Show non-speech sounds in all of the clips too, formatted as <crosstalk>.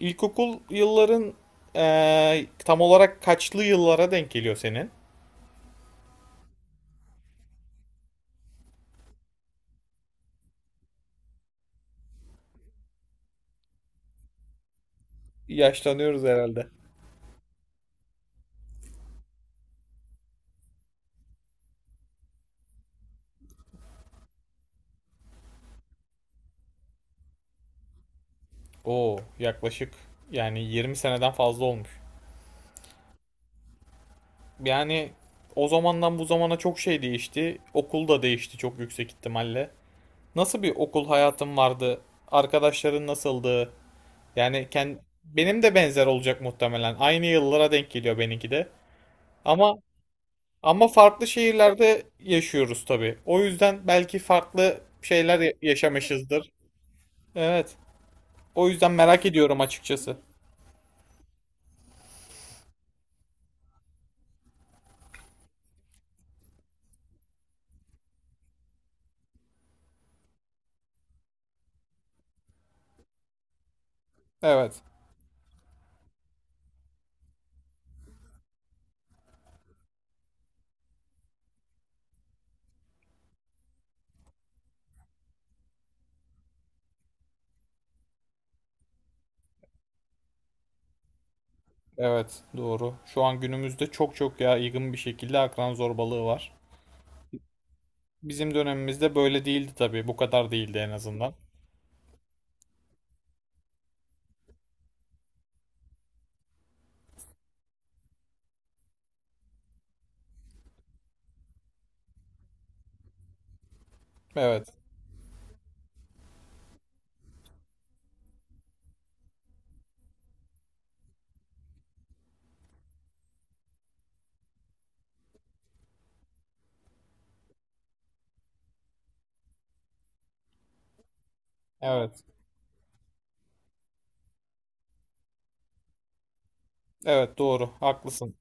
İlkokul yılların tam olarak kaçlı yıllara denk geliyor senin? Yaşlanıyoruz herhalde. Oo, yaklaşık 20 seneden fazla olmuş. Yani o zamandan bu zamana çok şey değişti. Okul da değişti çok yüksek ihtimalle. Nasıl bir okul hayatın vardı? Arkadaşların nasıldı? Yani kend- Benim de benzer olacak muhtemelen. Aynı yıllara denk geliyor benimki de. Ama Ama farklı şehirlerde yaşıyoruz tabii. O yüzden belki farklı şeyler yaşamışızdır. Evet. O yüzden merak ediyorum açıkçası. Evet. Evet, doğru. Şu an günümüzde çok yaygın bir şekilde akran zorbalığı var. Bizim dönemimizde böyle değildi tabii. Bu kadar değildi en azından. Evet. Evet. Evet, doğru. Haklısın.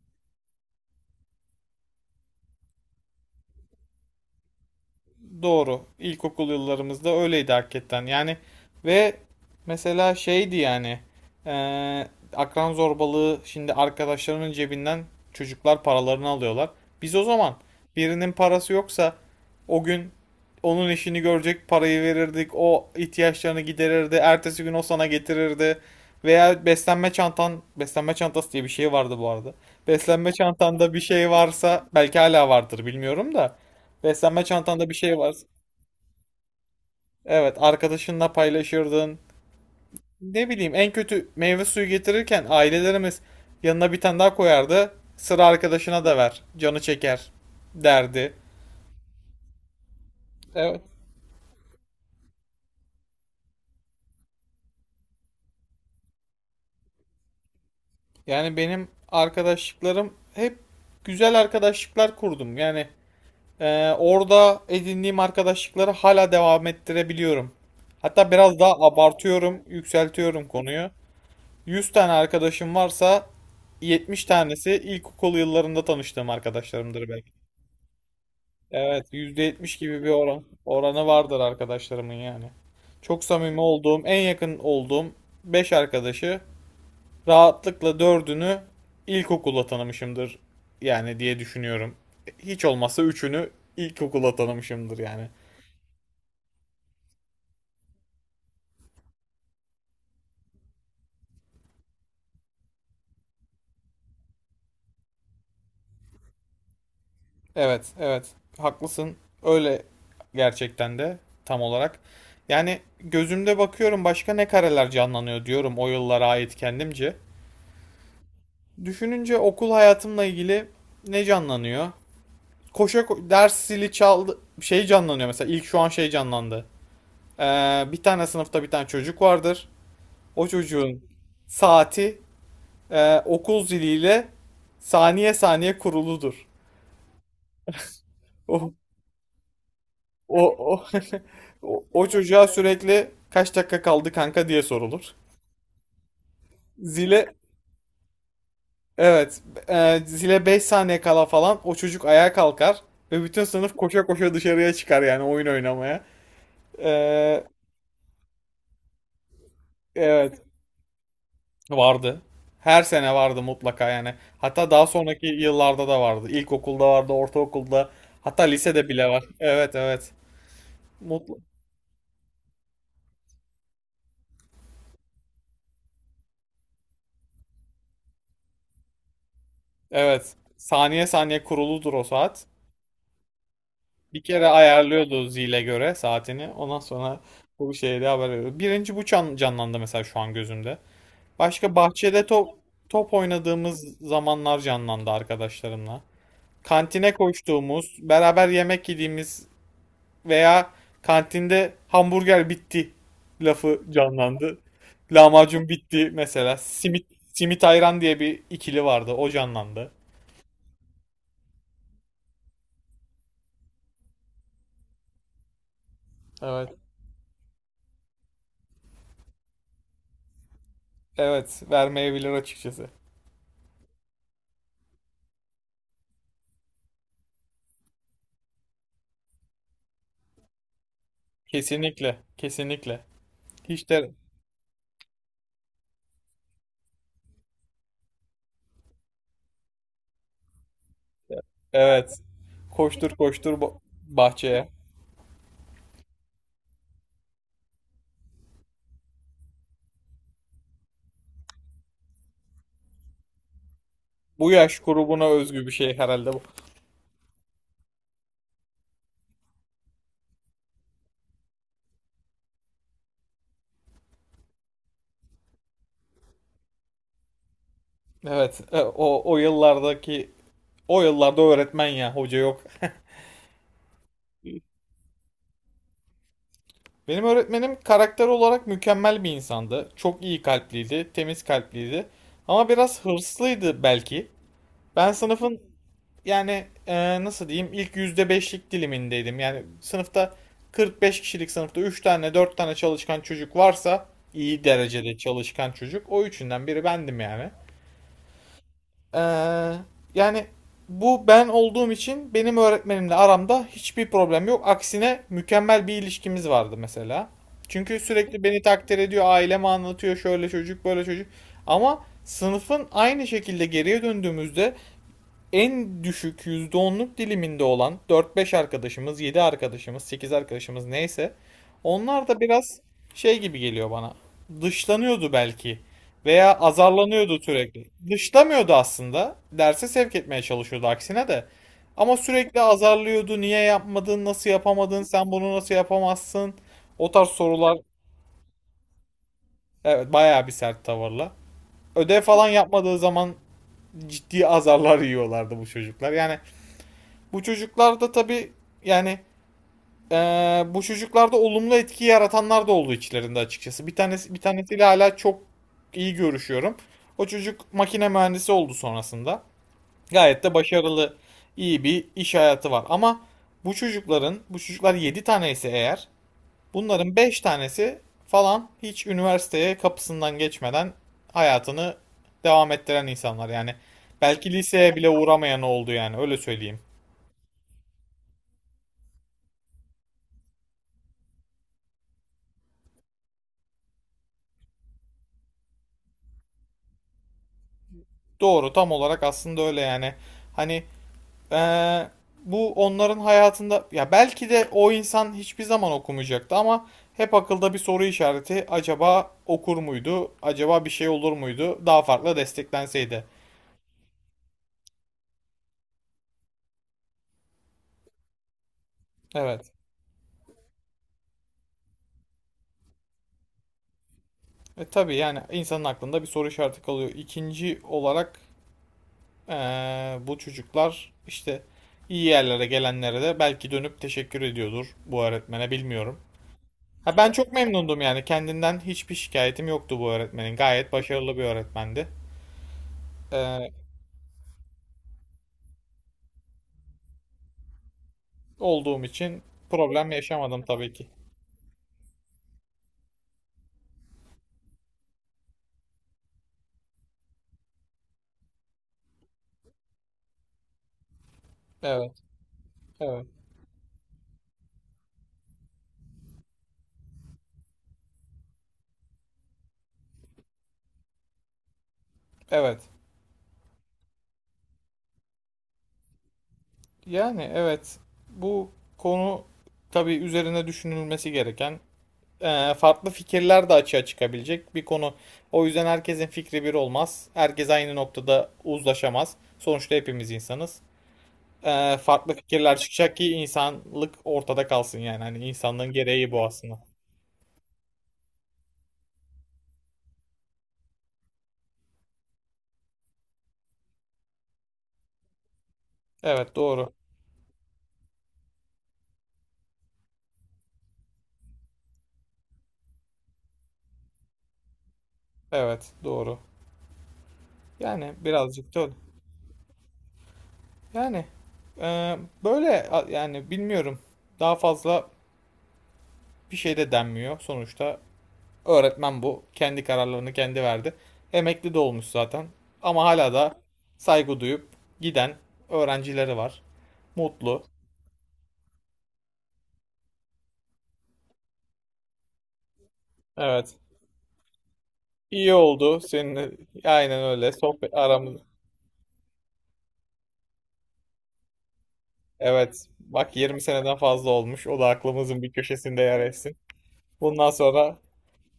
Doğru. İlkokul yıllarımızda öyleydi hakikaten. Yani ve mesela şeydi yani eee, Akran zorbalığı şimdi arkadaşlarının cebinden çocuklar paralarını alıyorlar. Biz o zaman birinin parası yoksa o gün onun işini görecek parayı verirdik. O ihtiyaçlarını giderirdi. Ertesi gün o sana getirirdi. Veya beslenme çantası diye bir şey vardı bu arada. Beslenme çantanda bir şey varsa belki hala vardır bilmiyorum da. Beslenme çantanda bir şey var. Evet, arkadaşınla paylaşırdın. Ne bileyim, en kötü meyve suyu getirirken ailelerimiz yanına bir tane daha koyardı. Sıra arkadaşına da ver, canı çeker derdi. Evet. Yani benim arkadaşlıklarım hep güzel arkadaşlıklar kurdum. Orada edindiğim arkadaşlıkları hala devam ettirebiliyorum. Hatta biraz daha abartıyorum, yükseltiyorum konuyu. 100 tane arkadaşım varsa 70 tanesi ilkokul yıllarında tanıştığım arkadaşlarımdır benim. Evet, %70 gibi bir oranı vardır arkadaşlarımın yani. Çok samimi olduğum, en yakın olduğum 5 arkadaşı rahatlıkla dördünü ilkokulda tanımışımdır yani diye düşünüyorum. Hiç olmazsa üçünü ilkokulda tanımışımdır yani. Evet, evet. Haklısın. Öyle gerçekten de tam olarak. Yani gözümde bakıyorum başka ne kareler canlanıyor diyorum o yıllara ait kendimce. Düşününce okul hayatımla ilgili ne canlanıyor? Ders zili çaldı şey canlanıyor mesela ilk şu an şey canlandı. Bir tane sınıfta bir tane çocuk vardır. O çocuğun saati okul ziliyle saniye saniye kuruludur. O o o, <laughs> O çocuğa sürekli kaç dakika kaldı kanka diye sorulur. Zile evet Zile 5 saniye kala falan o çocuk ayağa kalkar ve bütün sınıf koşa koşa dışarıya çıkar yani oyun oynamaya. Ee, evet. Vardı. Her sene vardı mutlaka yani. Hatta daha sonraki yıllarda da vardı. İlkokulda vardı, ortaokulda, hatta lisede bile var. Evet, evet. Mutlu. Evet. Saniye saniye kuruludur o saat. Bir kere ayarlıyordu zile göre saatini. Ondan sonra bu şeyde haber veriyordu. Birinci canlandı mesela şu an gözümde. Başka bahçede top oynadığımız zamanlar canlandı arkadaşlarımla. Kantine koştuğumuz, beraber yemek yediğimiz veya kantinde hamburger bitti lafı canlandı. Lahmacun bitti mesela. Simit ayran diye bir ikili vardı. O canlandı. Evet. Evet, vermeyebilir açıkçası. Kesinlikle, kesinlikle. Hiç de Evet. Koştur koştur ba- Bahçeye. Bu yaş grubuna özgü bir şey herhalde bu. Evet, o yıllardaki o yıllarda öğretmen ya, hoca yok. Benim öğretmenim karakter olarak mükemmel bir insandı. Çok iyi kalpliydi, temiz kalpliydi. Ama biraz hırslıydı belki. Ben sınıfın yani e, Nasıl diyeyim ilk %5'lik dilimindeydim. Yani sınıfta 45 kişilik sınıfta 3 tane 4 tane çalışkan çocuk varsa iyi derecede çalışkan çocuk o üçünden biri bendim yani. Ee, yani Bu ben olduğum için benim öğretmenimle aramda hiçbir problem yok. Aksine mükemmel bir ilişkimiz vardı mesela. Çünkü sürekli beni takdir ediyor, aileme anlatıyor, şöyle çocuk, böyle çocuk. Ama sınıfın aynı şekilde geriye döndüğümüzde en düşük %10'luk diliminde olan dört beş arkadaşımız, 7 arkadaşımız, 8 arkadaşımız neyse onlar da biraz şey gibi geliyor bana. Dışlanıyordu belki veya azarlanıyordu sürekli. Dışlamıyordu aslında. Derse sevk etmeye çalışıyordu aksine de. Ama sürekli azarlıyordu. Niye yapmadın? Nasıl yapamadın? Sen bunu nasıl yapamazsın? O tarz sorular evet bayağı bir sert tavırla. Ödev falan yapmadığı zaman ciddi azarlar yiyorlardı bu çocuklar. Yani bu çocuklarda tabii yani bu çocuklarda olumlu etki yaratanlar da oldu içlerinde açıkçası. Bir tanesiyle hala çok iyi görüşüyorum. O çocuk makine mühendisi oldu sonrasında. Gayet de başarılı, iyi bir iş hayatı var. Ama bu çocuklar 7 tane ise eğer, bunların 5 tanesi falan hiç üniversiteye kapısından geçmeden hayatını devam ettiren insanlar. Yani belki liseye bile uğramayan oldu yani öyle söyleyeyim. Doğru tam olarak aslında öyle yani. Hani eee, Bu onların hayatında ya belki de o insan hiçbir zaman okumayacaktı ama hep akılda bir soru işareti acaba okur muydu? Acaba bir şey olur muydu? Daha farklı desteklenseydi. Evet. E tabii yani insanın aklında bir soru işareti kalıyor. İkinci olarak bu çocuklar işte iyi yerlere gelenlere de belki dönüp teşekkür ediyordur bu öğretmene bilmiyorum. Ha, ben çok memnundum yani kendinden hiçbir şikayetim yoktu bu öğretmenin. Gayet başarılı bir öğretmendi. Ee, Olduğum için problem yaşamadım tabii ki. Evet, evet, evet. Yani evet bu konu tabii üzerine düşünülmesi gereken farklı fikirler de açığa çıkabilecek bir konu. O yüzden herkesin fikri bir olmaz. Herkes aynı noktada uzlaşamaz. Sonuçta hepimiz insanız. Farklı fikirler çıkacak ki insanlık ortada kalsın yani. Hani insanlığın gereği bu aslında. Evet doğru. Evet doğru. Yani birazcık da öyle. Yani e, böyle a- yani Bilmiyorum. Daha fazla bir şey de denmiyor. Sonuçta öğretmen bu. Kendi kararlarını kendi verdi. Emekli de olmuş zaten. Ama hala da saygı duyup giden öğrencileri var. Mutlu. Evet. İyi oldu seninle. Aynen öyle. Sohbet aramız. Evet. Bak 20 seneden fazla olmuş. O da aklımızın bir köşesinde yer etsin. Bundan sonra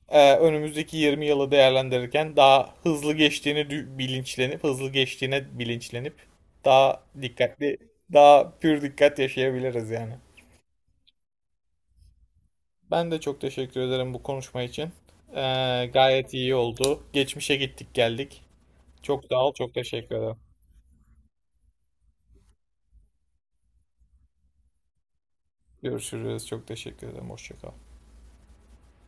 önümüzdeki 20 yılı değerlendirirken daha hızlı geçtiğini bilinçlenip, hızlı geçtiğine bilinçlenip daha dikkatli, daha pür dikkat yaşayabiliriz yani. Ben de çok teşekkür ederim bu konuşma için. E, gayet iyi oldu. Geçmişe gittik geldik. Çok sağ ol, çok teşekkür ederim. Görüşürüz, çok teşekkür ederim. Hoşça kal.